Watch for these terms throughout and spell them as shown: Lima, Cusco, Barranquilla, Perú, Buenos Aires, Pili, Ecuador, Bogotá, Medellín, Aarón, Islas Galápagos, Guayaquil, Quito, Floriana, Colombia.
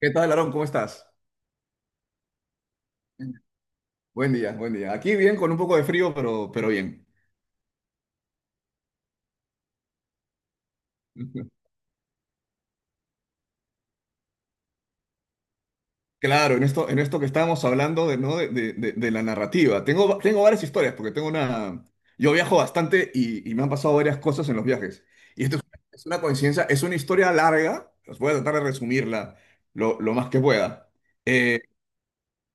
¿Qué tal, Aarón? ¿Cómo estás? Buen día, buen día. Aquí bien, con un poco de frío, pero bien. Claro, en esto que estábamos hablando de, ¿no? de la narrativa. Tengo varias historias, porque tengo una... Yo viajo bastante y me han pasado varias cosas en los viajes. Y esto es una coincidencia, es una historia larga, os voy a tratar de resumirla lo más que pueda. Eh,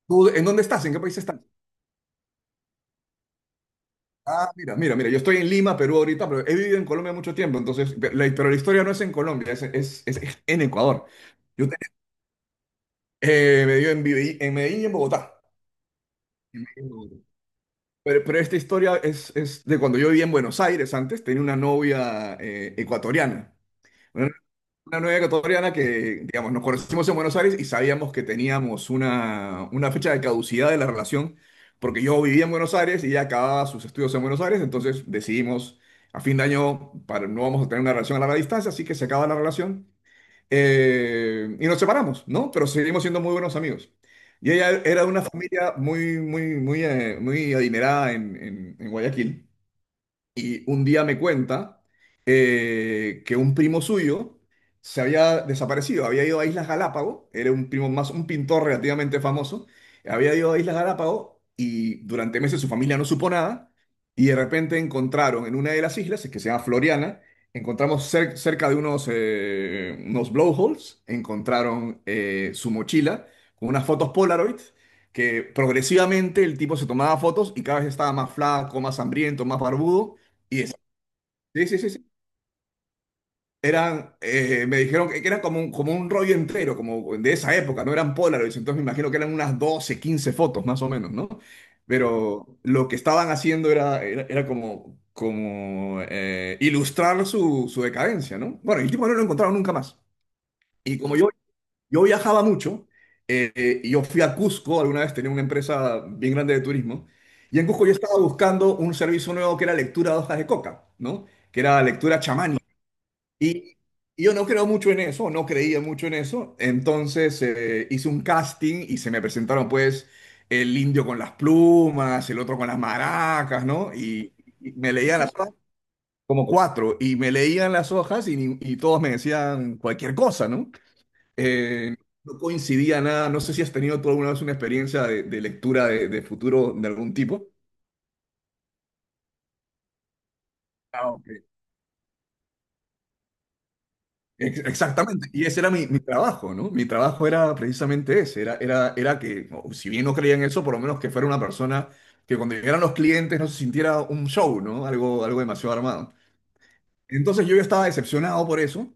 ¿Tú en dónde estás? ¿En qué país estás? Ah, mira, mira, mira, yo estoy en Lima, Perú ahorita, pero he vivido en Colombia mucho tiempo, entonces, pero la historia no es en Colombia, es en Ecuador. Yo te- me dio en Medellín y en Bogotá. En Medellín y en Bogotá. Pero esta historia es de cuando yo vivía en Buenos Aires antes, tenía una novia ecuatoriana, una una novia ecuatoriana que, digamos, nos conocimos en Buenos Aires y sabíamos que teníamos una fecha de caducidad de la relación, porque yo vivía en Buenos Aires y ella acababa sus estudios en Buenos Aires, entonces decidimos a fin de año, para, no vamos a tener una relación a larga distancia, así que se acaba la relación y nos separamos, ¿no? Pero seguimos siendo muy buenos amigos. Y ella era de una familia muy, muy, muy, muy adinerada en, en Guayaquil. Y un día me cuenta que un primo suyo se había desaparecido, había ido a Islas Galápagos, era un primo más, un pintor relativamente famoso, había ido a Islas Galápagos y durante meses su familia no supo nada y de repente encontraron en una de las islas, que se llama Floriana, encontramos cerca de unos blowholes, encontraron su mochila con unas fotos Polaroid que progresivamente el tipo se tomaba fotos y cada vez estaba más flaco, más hambriento, más barbudo y es- sí, sí, sí, sí. Me dijeron que era como un rollo entero, como de esa época, no eran Polaroids, entonces me imagino que eran unas 12 15 fotos más o menos, ¿no? Pero lo que estaban haciendo era como, como ilustrar su, su decadencia, ¿no? Bueno, el tipo no lo encontraron nunca más. Y como yo viajaba mucho, y yo fui a Cusco, alguna vez tenía una empresa bien grande de turismo, y en Cusco yo estaba buscando un servicio nuevo que era lectura de hojas de coca, ¿no? Que era lectura chamánica. Y, y yo no creo mucho en eso, no creía mucho en eso. Entonces hice un casting y se me presentaron pues el indio con las plumas, el otro con las maracas, ¿no? Y me leían las hojas, como cuatro, y me leían las hojas y, ni- y todos me decían cualquier cosa, ¿no? Eh, no coincidía nada. No sé si has tenido tú alguna vez una experiencia de lectura de futuro de algún tipo. Ah, ok. Exactamente, y ese era mi, mi trabajo, ¿no? Mi trabajo era precisamente ese, era que, o si bien no creía en eso, por lo menos que fuera una persona que cuando llegaran los clientes no se sintiera un show, ¿no? Algo demasiado armado. Entonces yo ya estaba decepcionado por eso,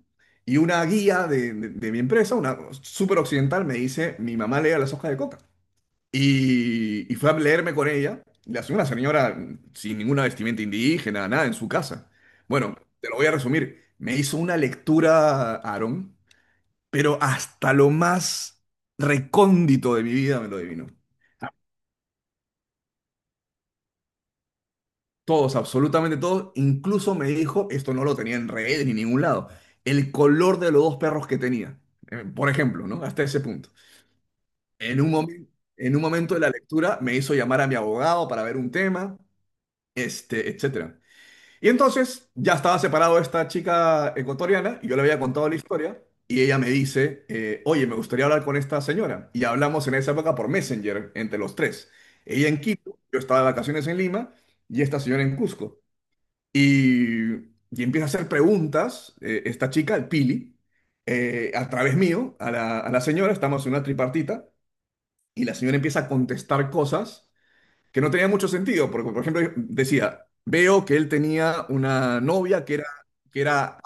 y una guía de mi empresa, una súper occidental, me dice, mi mamá lee las hojas de coca. Y fue a leerme con ella, la señora sin ninguna vestimenta indígena, nada, en su casa. Bueno, te lo voy a resumir, me hizo una lectura, Aaron, pero hasta lo más recóndito de mi vida me lo adivinó. Todos, absolutamente todos. Incluso me dijo, esto no lo tenía en redes ni en ningún lado, el color de los dos perros que tenía. Por ejemplo, ¿no? Hasta ese punto. En un momen- en un momento de la lectura me hizo llamar a mi abogado para ver un tema, este, etcétera. Y entonces ya estaba separado esta chica ecuatoriana y yo le había contado la historia y ella me dice, oye, me gustaría hablar con esta señora. Y hablamos en esa época por Messenger entre los tres. Ella en Quito, yo estaba de vacaciones en Lima y esta señora en Cusco. Y, y empieza a hacer preguntas, esta chica, el Pili, a través mío, a la señora, estamos en una tripartita y la señora empieza a contestar cosas que no tenía mucho sentido, porque por ejemplo decía, veo que él tenía una novia que era,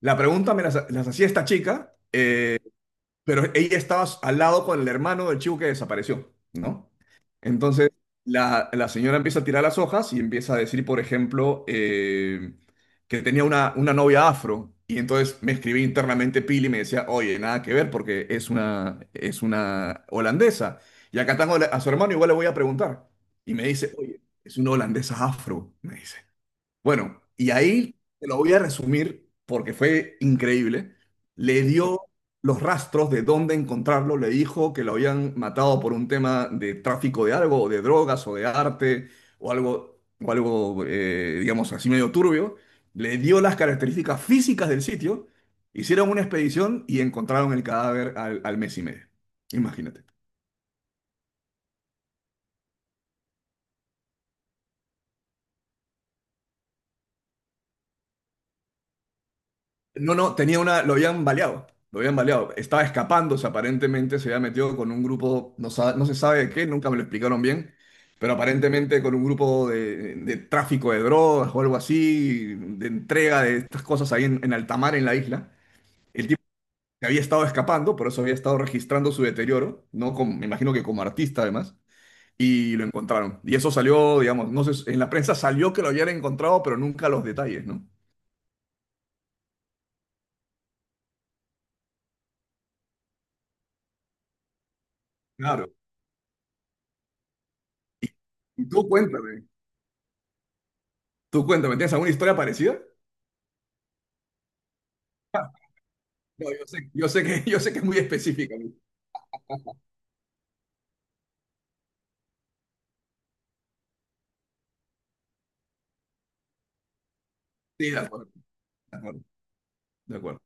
la pregunta me las hacía esta chica, pero ella estaba al lado con el hermano del chico que desapareció, ¿no? Entonces, la señora empieza a tirar las hojas y empieza a decir, por ejemplo, que tenía una novia afro. Y entonces me escribí internamente Pili y me decía, oye, nada que ver porque es una holandesa. Y acá tengo a su hermano, igual le voy a preguntar. Y me dice, oye, es una holandesa afro, me dice. Bueno, y ahí te lo voy a resumir porque fue increíble. Le dio los rastros de dónde encontrarlo, le dijo que lo habían matado por un tema de tráfico de algo, o de drogas, o de arte, o algo, digamos así medio turbio. Le dio las características físicas del sitio, hicieron una expedición y encontraron el cadáver al mes y medio. Imagínate. No, no, tenía una, lo habían baleado, lo habían baleado. Estaba escapándose, aparentemente se había metido con un grupo, no se sabe de qué, nunca me lo explicaron bien, pero aparentemente con un grupo de tráfico de drogas o algo así, de entrega de estas cosas ahí en alta mar, en la isla. El tipo se había estado escapando, por eso había estado registrando su deterioro, ¿no? Me imagino que como artista además, y lo encontraron. Y eso salió, digamos, no sé, en la prensa salió que lo habían encontrado, pero nunca los detalles, ¿no? Claro. Y y tú cuéntame. Tú cuéntame, ¿tienes alguna historia parecida? No, yo sé, yo sé que es muy específica, ¿no? Sí, de acuerdo, de acuerdo, de acuerdo.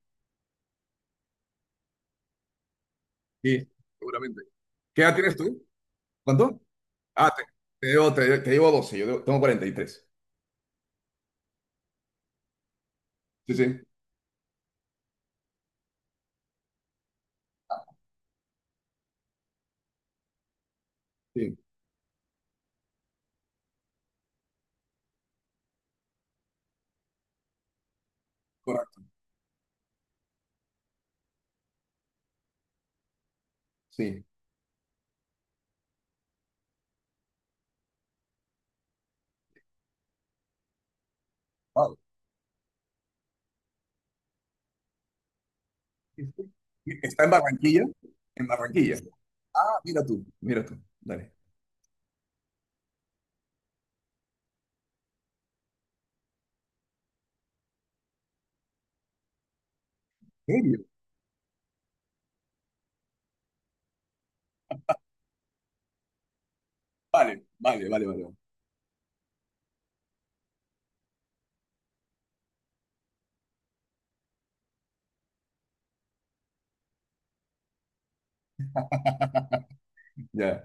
Sí, seguramente. ¿Qué edad tienes tú? ¿Cuánto? Ah, te debo 12, tengo 43. Sí, sí, sí, correcto. Sí. Wow. Está en Barranquilla, en Barranquilla. Ah, mira tú, dale. ¿En serio? Vale, vale, vale, vale. Vale. Ya,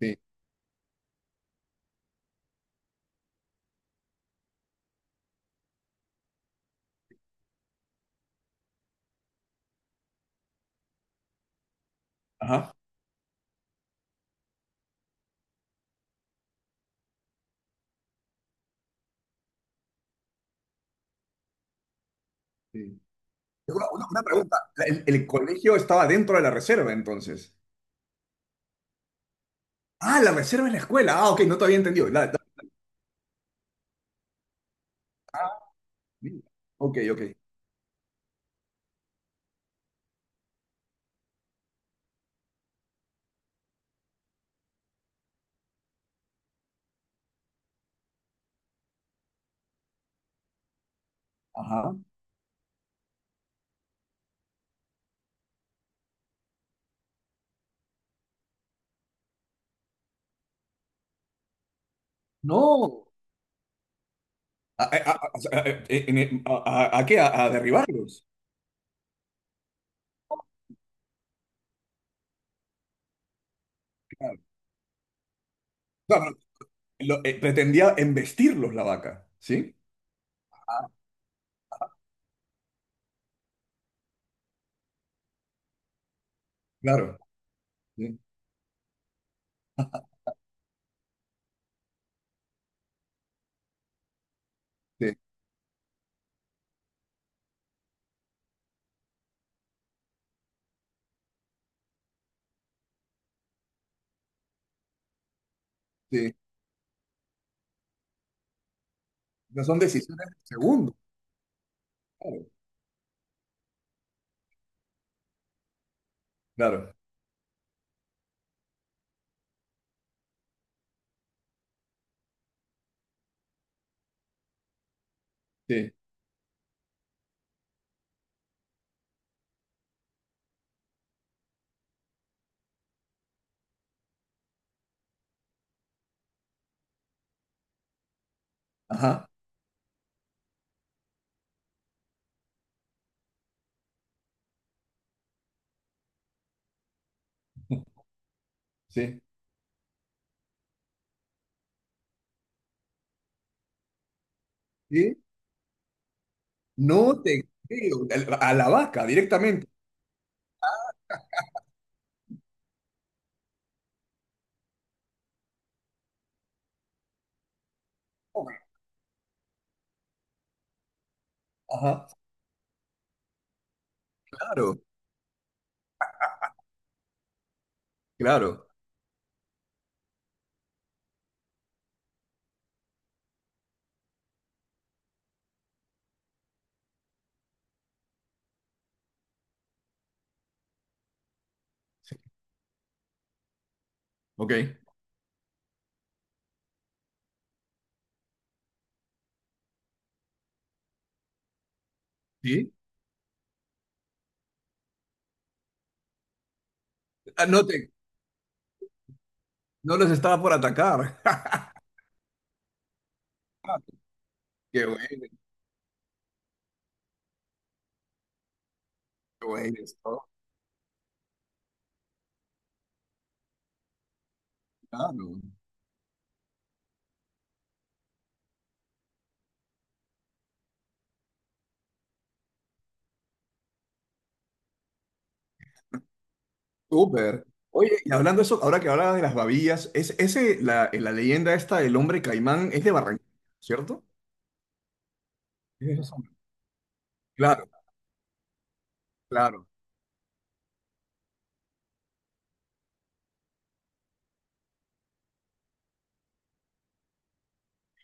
sí. Ajá. Sí. Una pregunta, ¿el colegio estaba dentro de la reserva entonces? Ah, la reserva es la escuela. Ah, ok, no te había entendido. Ah, mira. Ok, ok. Ajá. No. ¿A, a- a- a- en- a- ¿a qué? ¿A derribarlos? Claro. No, pero pretendía embestirlos la vaca, ¿sí? Claro. Sí, sí, sí. No son decisiones de segundo. Claro, claro. Sí. Ajá. Sí. Sí. No te creo. A la vaca directamente. Ajá. Claro, claro. Ok. Sí. Ah, no los estaba por atacar. Qué bueno, qué bueno, eso, claro. Súper. Oye, y hablando de eso, ahora que hablabas de las babillas, la leyenda esta del hombre caimán es de Barranquilla, ¿cierto? Es de esos hombres. Claro, claro.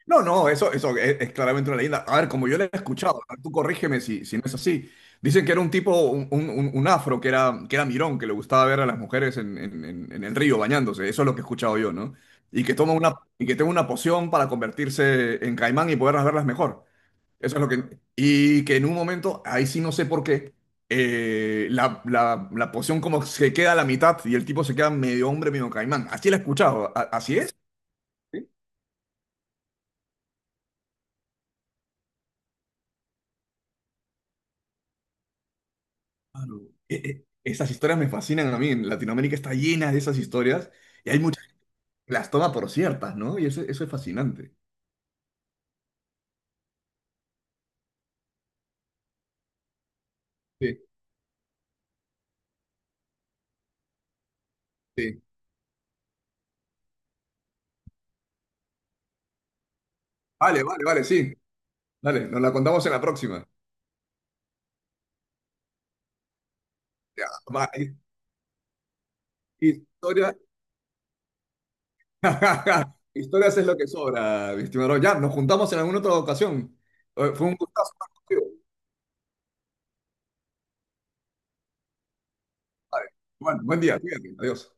No, no, eso es claramente una leyenda. A ver, como yo la he escuchado, a ver, tú corrígeme si no es así. Dicen que era un tipo, un afro que era mirón, que le gustaba ver a las mujeres en, en el río bañándose. Eso es lo que he escuchado yo, ¿no? Y que toma una poción para convertirse en caimán y poderlas verlas mejor. Eso es lo que... Y que en un momento, ahí sí no sé por qué, la poción como se queda a la mitad y el tipo se queda medio hombre, medio caimán. Así la he escuchado, así es. Sí, claro. Esas historias me fascinan a mí. En Latinoamérica está llena de esas historias y hay muchas que las toma por ciertas, ¿no? Y eso es fascinante. Sí, sí. Vale, vale, vale, sí. Dale, nos la contamos en la próxima. Ya, va, Historia Historias es lo que sobra, mi estimado. Ya, nos juntamos en alguna otra ocasión. Fue un gustazo estar contigo, compadre. Bueno, buen día, cuídate, adiós.